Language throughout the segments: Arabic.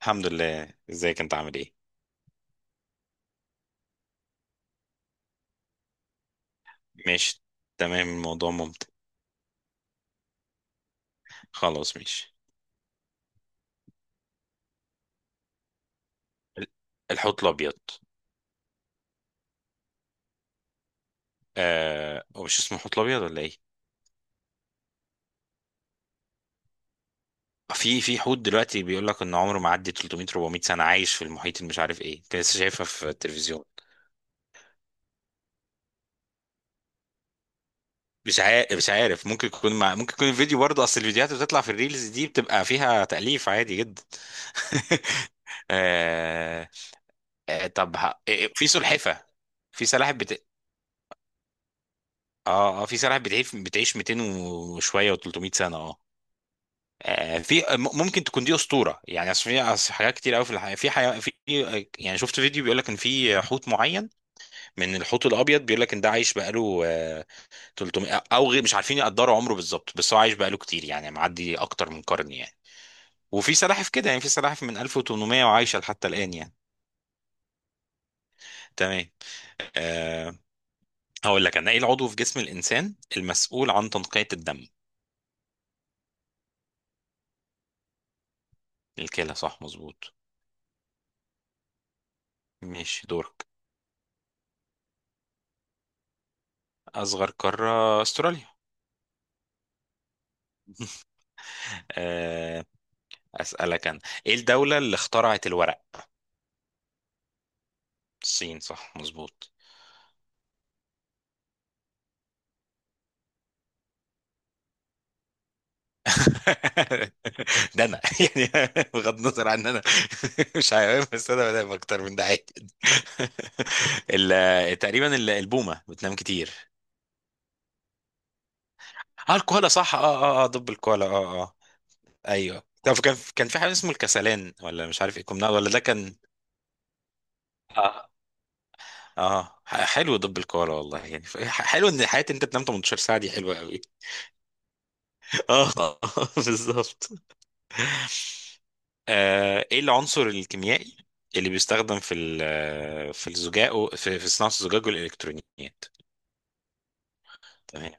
الحمد لله. ازيك؟ انت عامل ايه؟ ماشي. تمام. الموضوع ممتع. خلاص ماشي. ال- الحوت الابيض. آه، هو مش اسمه حوت الابيض ولا ايه؟ في حوت دلوقتي بيقول لك ان عمره معدي 300 400 سنه، عايش في المحيط، اللي مش عارف ايه، كنت لسه شايفها في التلفزيون. مش عارف، مش عارف، ممكن يكون الفيديو، برضه اصل الفيديوهات اللي بتطلع في الريلز دي بتبقى فيها تأليف عادي جدا. آه... آه... طب ه... آه، في سلحفه. في سلاحف بت... اه، اه، في سلاحف بتعيش 200 وشويه و300 سنه، اه. ممكن تكون دي اسطوره، يعني اصل في أصل حاجات كتير قوي في الحياه في حياه في يعني شفت فيديو بيقول لك ان في حوت معين من الحوت الابيض، بيقول لك ان ده عايش بقاله 300، او غير- مش عارفين يقدروا عمره بالظبط، بس هو عايش بقاله كتير، يعني معدي اكتر من قرن يعني. وفي سلاحف كده، يعني في سلاحف من 1800 وعايشه حتى الان يعني. تمام. أه، هقول لك انا: ايه العضو في جسم الانسان المسؤول عن تنقيه الدم؟ الكلى صح، مظبوط. ماشي دورك. أصغر قارة أستراليا. آه، أسألك أنا: إيه الدولة اللي اخترعت الورق؟ الصين صح، مظبوط. ده أنا. يعني بغض النظر عن إن أنا مش حيوان، بس أنا بنام أكتر من ده عادي. تقريبا البومة بتنام كتير. اه، الكوالا صح، اه، اه، اه، دب الكوالا، اه، اه. ايوه. طب كان في حاجه اسمه الكسلان، ولا مش عارف ايه كنا، ولا ده كان. اه اه، حلو دب الكوره والله، يعني حلو ان حياتي انت تنام 18 ساعه دي، حلوه قوي. اه، آه. بالظبط. آه، ايه العنصر الكيميائي اللي بيستخدم في الزجاج في صناعه الزجاج والالكترونيات؟ تمام.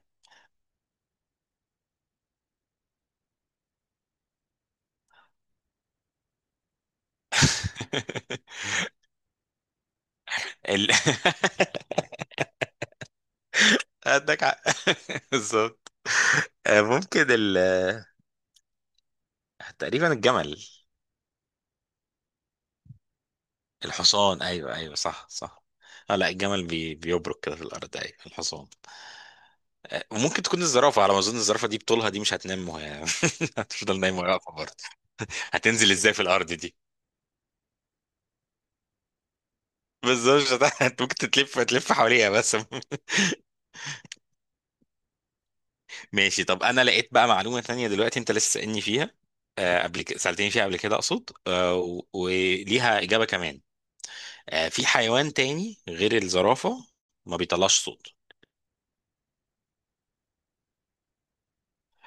ال... عندك حق. بالظبط. آه، ممكن ال تقريبا الجمل. الحصان، ايوه ايوه، صح صح. اه لا، الجمل بيبرك كده في الارض. ايوه الحصان. وممكن تكون الزرافة، على ما أظن الزرافة دي بطولها دي مش هتنام، وهي هتفضل نايمة وهي واقفة برضه. هتنزل إزاي في الأرض دي؟ بس ده مش هت- انت ممكن تتلف تلف حواليها بس. ماشي. طب أنا لقيت بقى معلومة تانية دلوقتي، أنت لسه سألني فيها، قبل كده سألتني فيها قبل كده أقصد، وليها إجابة كمان. في حيوان تاني غير الزرافة ما بيطلعش صوت.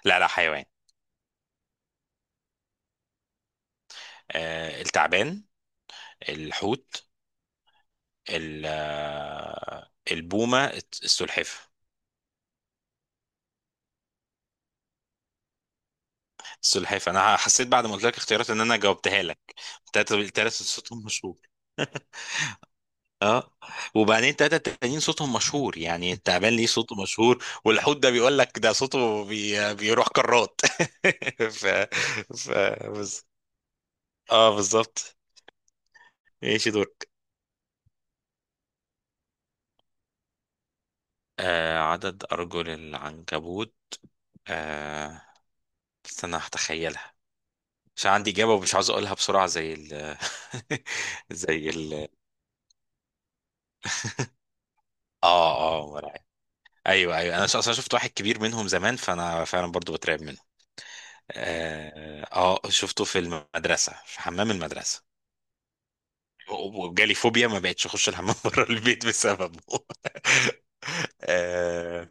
لا لا حيوان. التعبان، الحوت، البومة، السلحفة. سلحفاة، انا حسيت بعد ما قلت لك اختيارات ان انا جاوبتها لك. التلاتة، التلاتة صوتهم مشهور. اه، وبعدين التلاتة التانيين صوتهم مشهور يعني. التعبان ليه صوته مشهور، والحوت ده بيقول لك ده صوته بيروح كرات. ف... ف... بز... اه بالظبط. ماشي دورك. آه، عدد ارجل العنكبوت. آه، استنى هتخيلها، مش عندي اجابه ومش عاوز اقولها بسرعه زي ال. زي ال. اه اه، ايوه ايوه، انا اصلا شفت واحد كبير منهم زمان، فانا فعلا برضو بترعب منه. اه، آه، شفته في المدرسه في حمام المدرسه، وجالي فوبيا، ما بقتش اخش الحمام بره البيت بسببه. آه.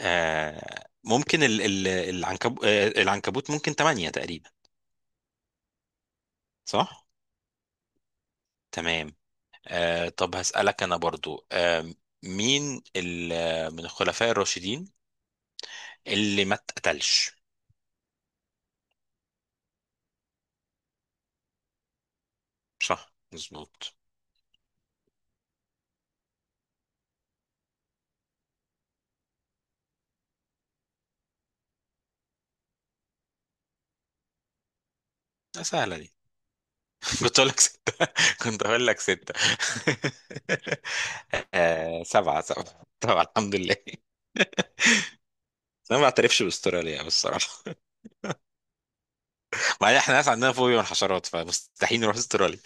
آه، ممكن ال ال العنكب آه العنكبوت ممكن تمانية تقريبا. صح؟ تمام. آه، طب هسألك أنا برضو. آه، مين من الخلفاء الراشدين اللي ما اتقتلش؟ صح مظبوط. سهلة دي، كنت اقول لك ستة. كنت اقول لك ستة. آه، سبعة، سبعة طبعا الحمد لله. انا ما بعترفش باستراليا بالصراحة. ما احنا ناس عندنا فوبيا من الحشرات، فمستحيل نروح استراليا.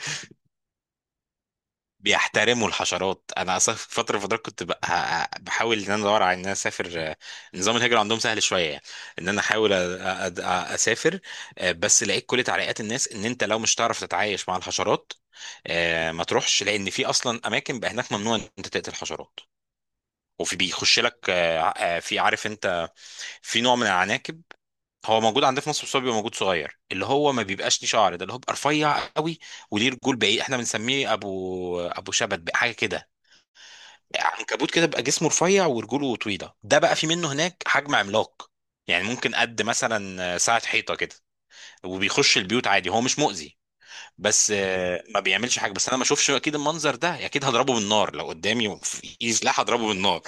بيحترموا الحشرات. انا اصلا في فتره من الفترات كنت بحاول ان انا ادور على ان انا اسافر. نظام الهجره عندهم سهل شويه يعني، ان انا احاول أ- أ- اسافر. بس لقيت كل تعليقات الناس ان انت لو مش تعرف تتعايش مع الحشرات ما تروحش. لان في اصلا اماكن بقى هناك ممنوع ان انت تقتل حشرات. وفي بيخش لك في، عارف انت، في نوع من العناكب هو موجود عندنا في مصر، بس هو بيبقى موجود صغير اللي هو ما بيبقاش ليه شعر، ده اللي هو بيبقى رفيع قوي وليه رجول بعيد، احنا بنسميه ابو شبت حاجه كده. عنكبوت كده بقى جسمه رفيع ورجوله طويله، ده بقى في منه هناك حجم عملاق، يعني ممكن قد مثلا ساعه حيطه كده. وبيخش البيوت عادي، هو مش مؤذي، بس ما بيعملش حاجه، بس انا ما اشوفش. اكيد المنظر ده اكيد هضربه بالنار، لو قدامي في ايد سلاح هضربه بالنار.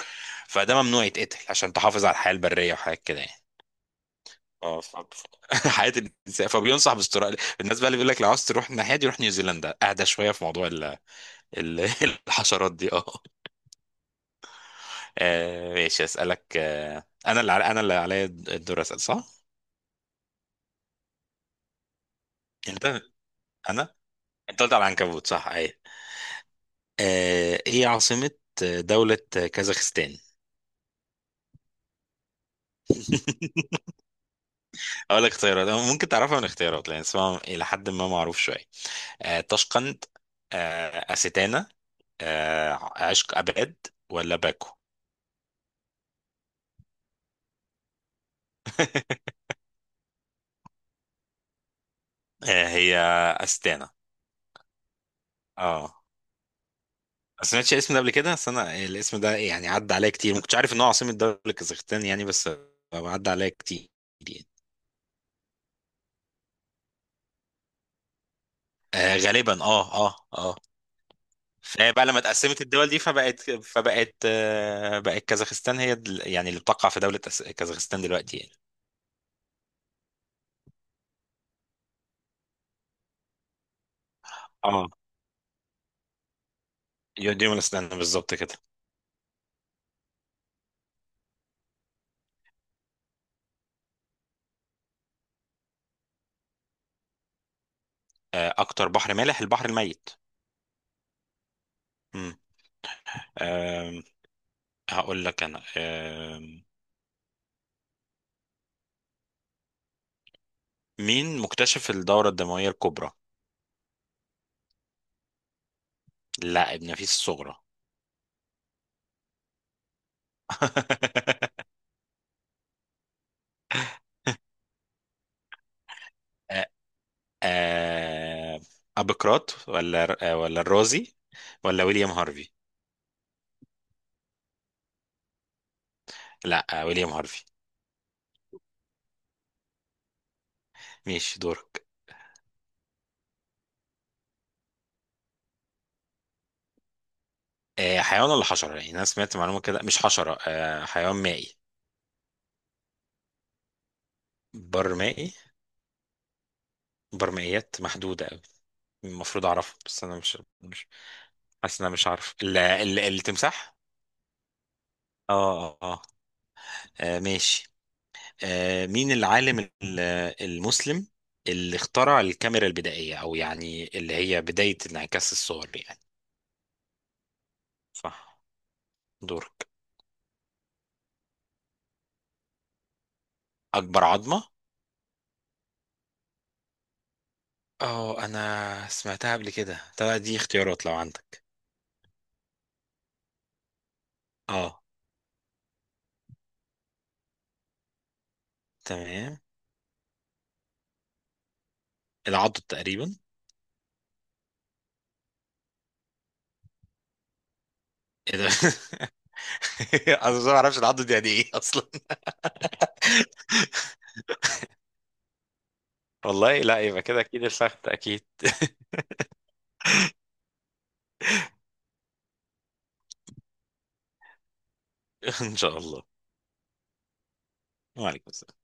فده ممنوع يتقتل عشان تحافظ على الحياه البريه وحاجات كده يعني. اه، حياه الانسان. فبينصح باستراليا الناس بقى، اللي بيقول لك لو عاوز تروح الناحيه دي روح نيوزيلندا، اهدى شويه في موضوع ال... الحشرات دي اه. آه ماشي. اسالك آه، انا اللي عليا الدور اسال صح. انت، انا، انت قلت على العنكبوت، صح. ايه آه، ايه عاصمة دولة كازاخستان؟ اقول لك اختيارات. ممكن تعرفها من اختيارات لان اسمها الى حد ما معروف شوية. آه، طشقند، آه أستانا، آه عشق أباد، ولا باكو. آه، هي أستانا. اه. ما سمعتش الاسم ده قبل كده، بس انا الاسم ده يعني عدى عليا كتير، ما كنتش عارف ان هو عاصمة دولة كازاخستان يعني، بس عدى عليا كتير. يعني. آه غالبا، اه اه اه. فبقى لما اتقسمت الدول دي، فبقت فبقت آه بقت كازاخستان هي يعني اللي بتقع في دولة كازاخستان دلوقتي يعني. اه، يوديمونستان بالظبط كده. آه، اكتر بحر مالح البحر الميت. امم. آم، هقول لك انا: آم، مين مكتشف الدورة الدموية الكبرى؟ لا، ابن نفيس الصغرى. آه، آه، ابوقراط ولا الرازي، ولا ويليام هارفي؟ لا، آه، ويليام هارفي. ماشي دورك. آه، حيوان ولا حشرة يعني؟ أنا سمعت معلومة كده، مش حشرة، آه، حيوان مائي. بر مائي. بر مائيات محدودة أوي، المفروض أعرفها، بس أنا مش حاسس إن أنا مش عارف. التمساح. آه آه آه. آه، ماشي. آه، مين العالم المسلم اللي اخترع الكاميرا البدائية، أو يعني اللي هي بداية انعكاس الصور يعني؟ صح. دورك. أكبر عظمة. اه، أنا سمعتها قبل كده، طب دي اختيارات لو عندك. اه تمام. العضد تقريبا. ايه ده؟ انا بس ما اعرفش العضه دي يعني ايه اصلا. والله لا، يبقى كده اكيد الفخذ، اكيد. ان شاء الله. وعليكم السلام.